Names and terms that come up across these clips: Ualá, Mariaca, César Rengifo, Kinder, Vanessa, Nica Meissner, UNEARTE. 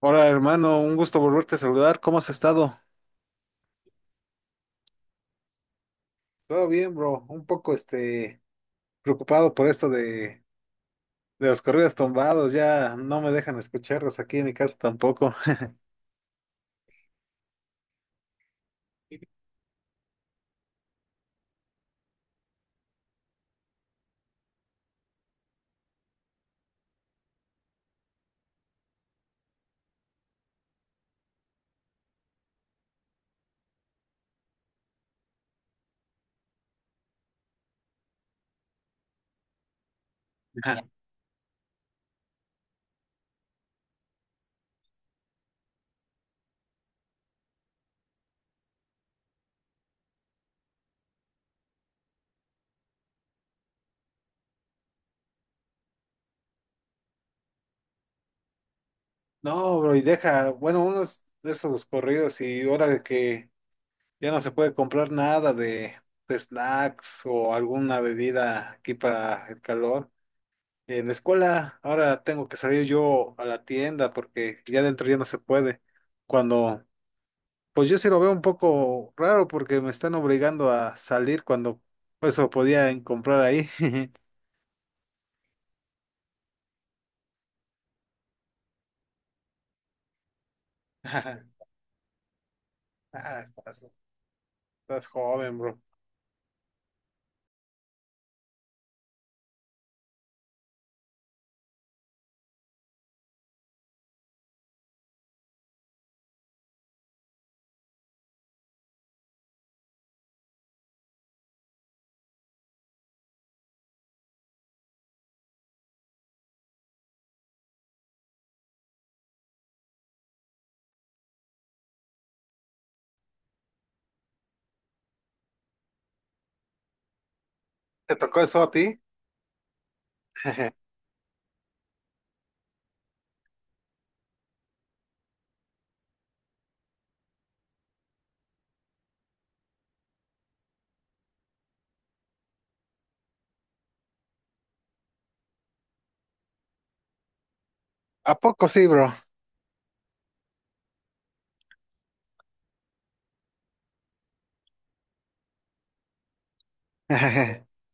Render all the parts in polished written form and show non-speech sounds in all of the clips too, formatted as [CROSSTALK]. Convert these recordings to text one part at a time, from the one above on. Hola hermano, un gusto volverte a saludar. ¿Cómo has estado? Todo bien, bro. Un poco preocupado por esto de los corridos tumbados. Ya no me dejan escucharlos aquí en mi casa tampoco. [LAUGHS] Bien. No, bro, y deja, bueno, unos de esos corridos y ahora de que ya no se puede comprar nada de snacks o alguna bebida aquí para el calor. En la escuela ahora tengo que salir yo a la tienda porque ya dentro ya no se puede. Cuando Pues yo sí lo veo un poco raro porque me están obligando a salir cuando eso podía comprar ahí. [LAUGHS] Ah, estás joven, bro. ¿Te tocó eso a ti? [LAUGHS] ¿A poco sí, bro? [LAUGHS]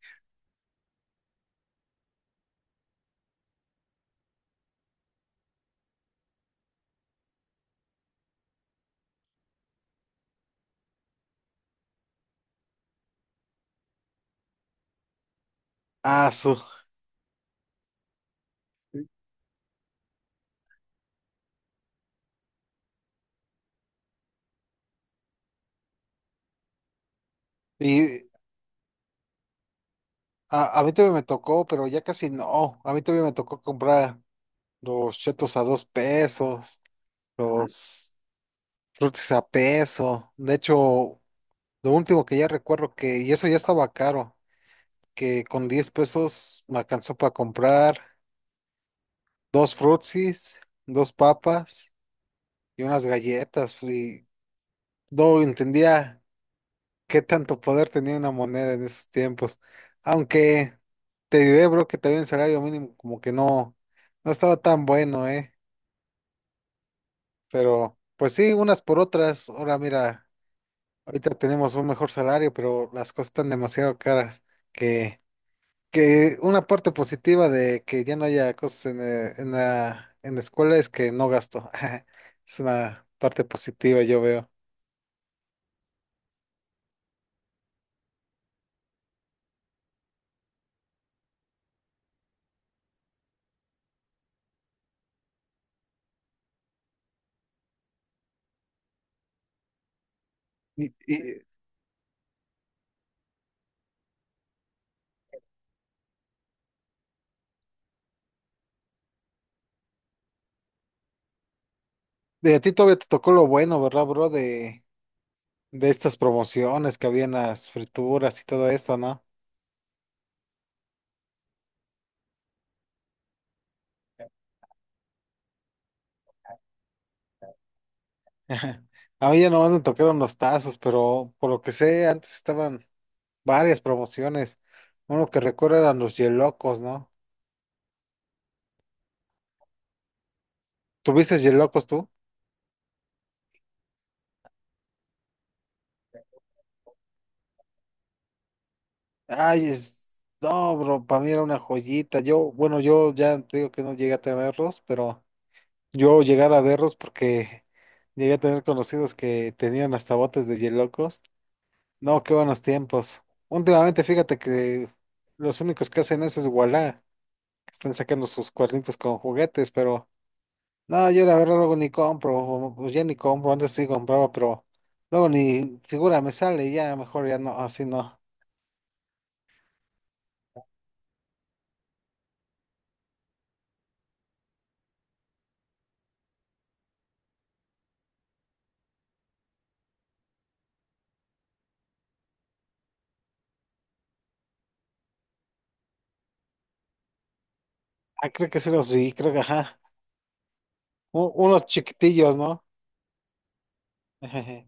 Ah, su. Sí. Y a mí todavía me tocó, pero ya casi no. A mí todavía me tocó comprar los chetos a 2 pesos, los frutis a peso. De hecho, lo último que ya recuerdo que, y eso ya estaba caro, que con 10 pesos me alcanzó para comprar dos frutsis, dos papas y unas galletas. Y no entendía qué tanto poder tenía una moneda en esos tiempos. Aunque te diré, bro, que también el salario mínimo como que no estaba tan bueno, ¿eh? Pero pues sí, unas por otras. Ahora mira, ahorita tenemos un mejor salario, pero las cosas están demasiado caras que... Que una parte positiva de que ya no haya cosas en la escuela es que no gasto. [LAUGHS] Es una parte positiva, yo veo. Y, y- y a ti todavía te tocó lo bueno, ¿verdad, bro? De estas promociones que había en las frituras y todo esto, ¿no? [LAUGHS] A mí ya nomás me tocaron los tazos, pero por lo que sé, antes estaban varias promociones. Uno que recuerdo eran los yelocos, ¿no? ¿Tuviste yelocos tú? Ay, no, bro, para mí era una joyita. Yo, bueno, yo ya te digo que no llegué a tenerlos, pero yo llegar a verlos porque [LAUGHS] llegué a tener conocidos que tenían hasta botes de hielocos. No, qué buenos tiempos. Últimamente, fíjate que los únicos que hacen eso es Ualá, que están sacando sus cuernitos con juguetes, pero no, yo la verdad luego ni compro, o ya ni compro, antes sí compraba, pero luego ni figura me sale, ya mejor ya no, así no. Ah, creo que sí los vi, creo que ajá. Unos chiquitillos, ¿no? [LAUGHS]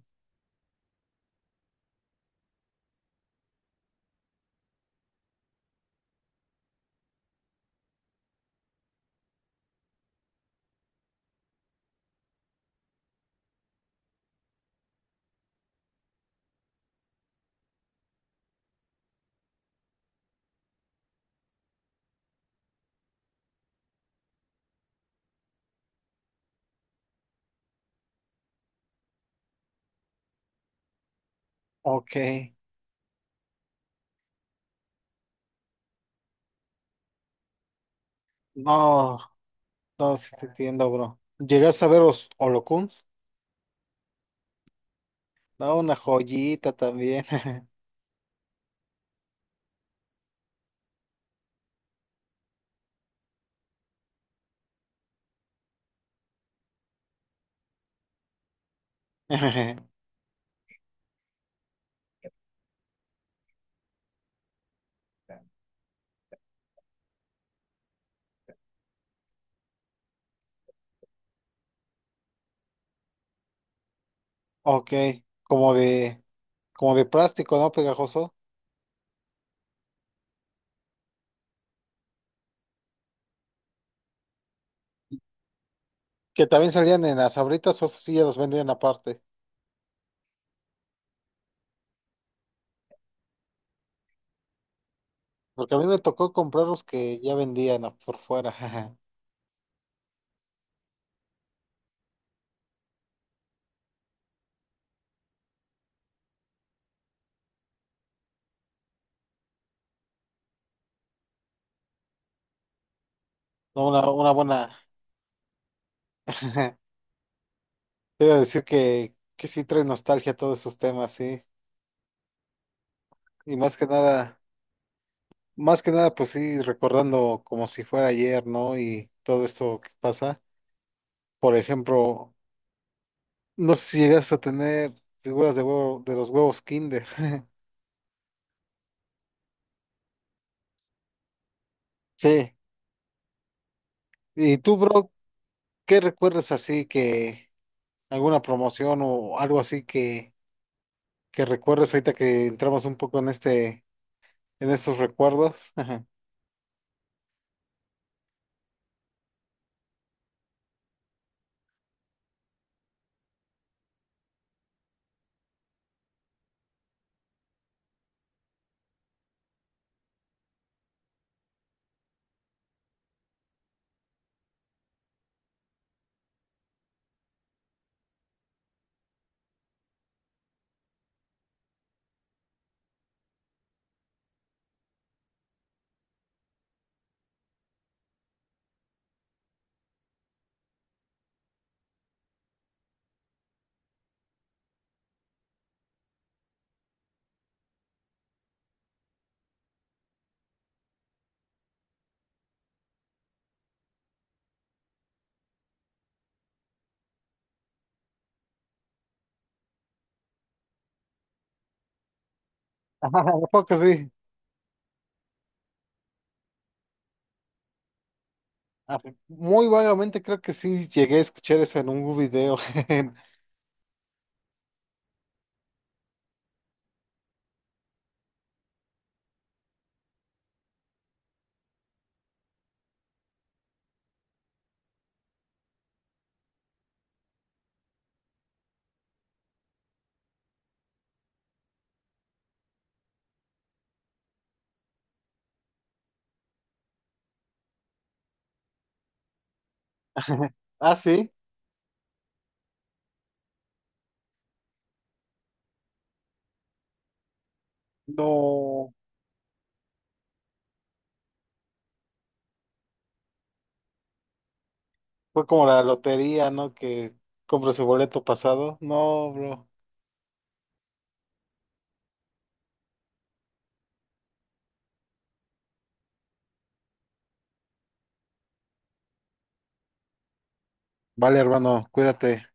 Ok. No, no, sí te entiendo, bro. ¿Llegas a ver los Holocuns? No, una joyita también. [LAUGHS] Ok, como de, como de plástico, ¿no? Pegajoso. Que también salían en las abritas o esos sí ya los vendían aparte. Porque a mí me tocó comprar los que ya vendían por fuera. [LAUGHS] No, una buena. [LAUGHS] Te iba a decir que sí trae nostalgia todos esos temas, sí. Y más que nada. Más que nada, pues sí, recordando como si fuera ayer, ¿no? Y todo esto que pasa. Por ejemplo, no sé si llegas a tener figuras de huevo, de los huevos Kinder. [LAUGHS] Sí. ¿Y tú, bro, qué recuerdas así que alguna promoción o algo así que recuerdes ahorita que entramos un poco en este, en estos recuerdos? Ajá. [LAUGHS] Un poco sí. Ah, muy vagamente creo que sí llegué a escuchar eso en un video. [LAUGHS] Ajá. Ah, sí. No. Fue como la lotería, ¿no? Que compras el boleto pasado. No, bro. Vale, hermano, cuídate.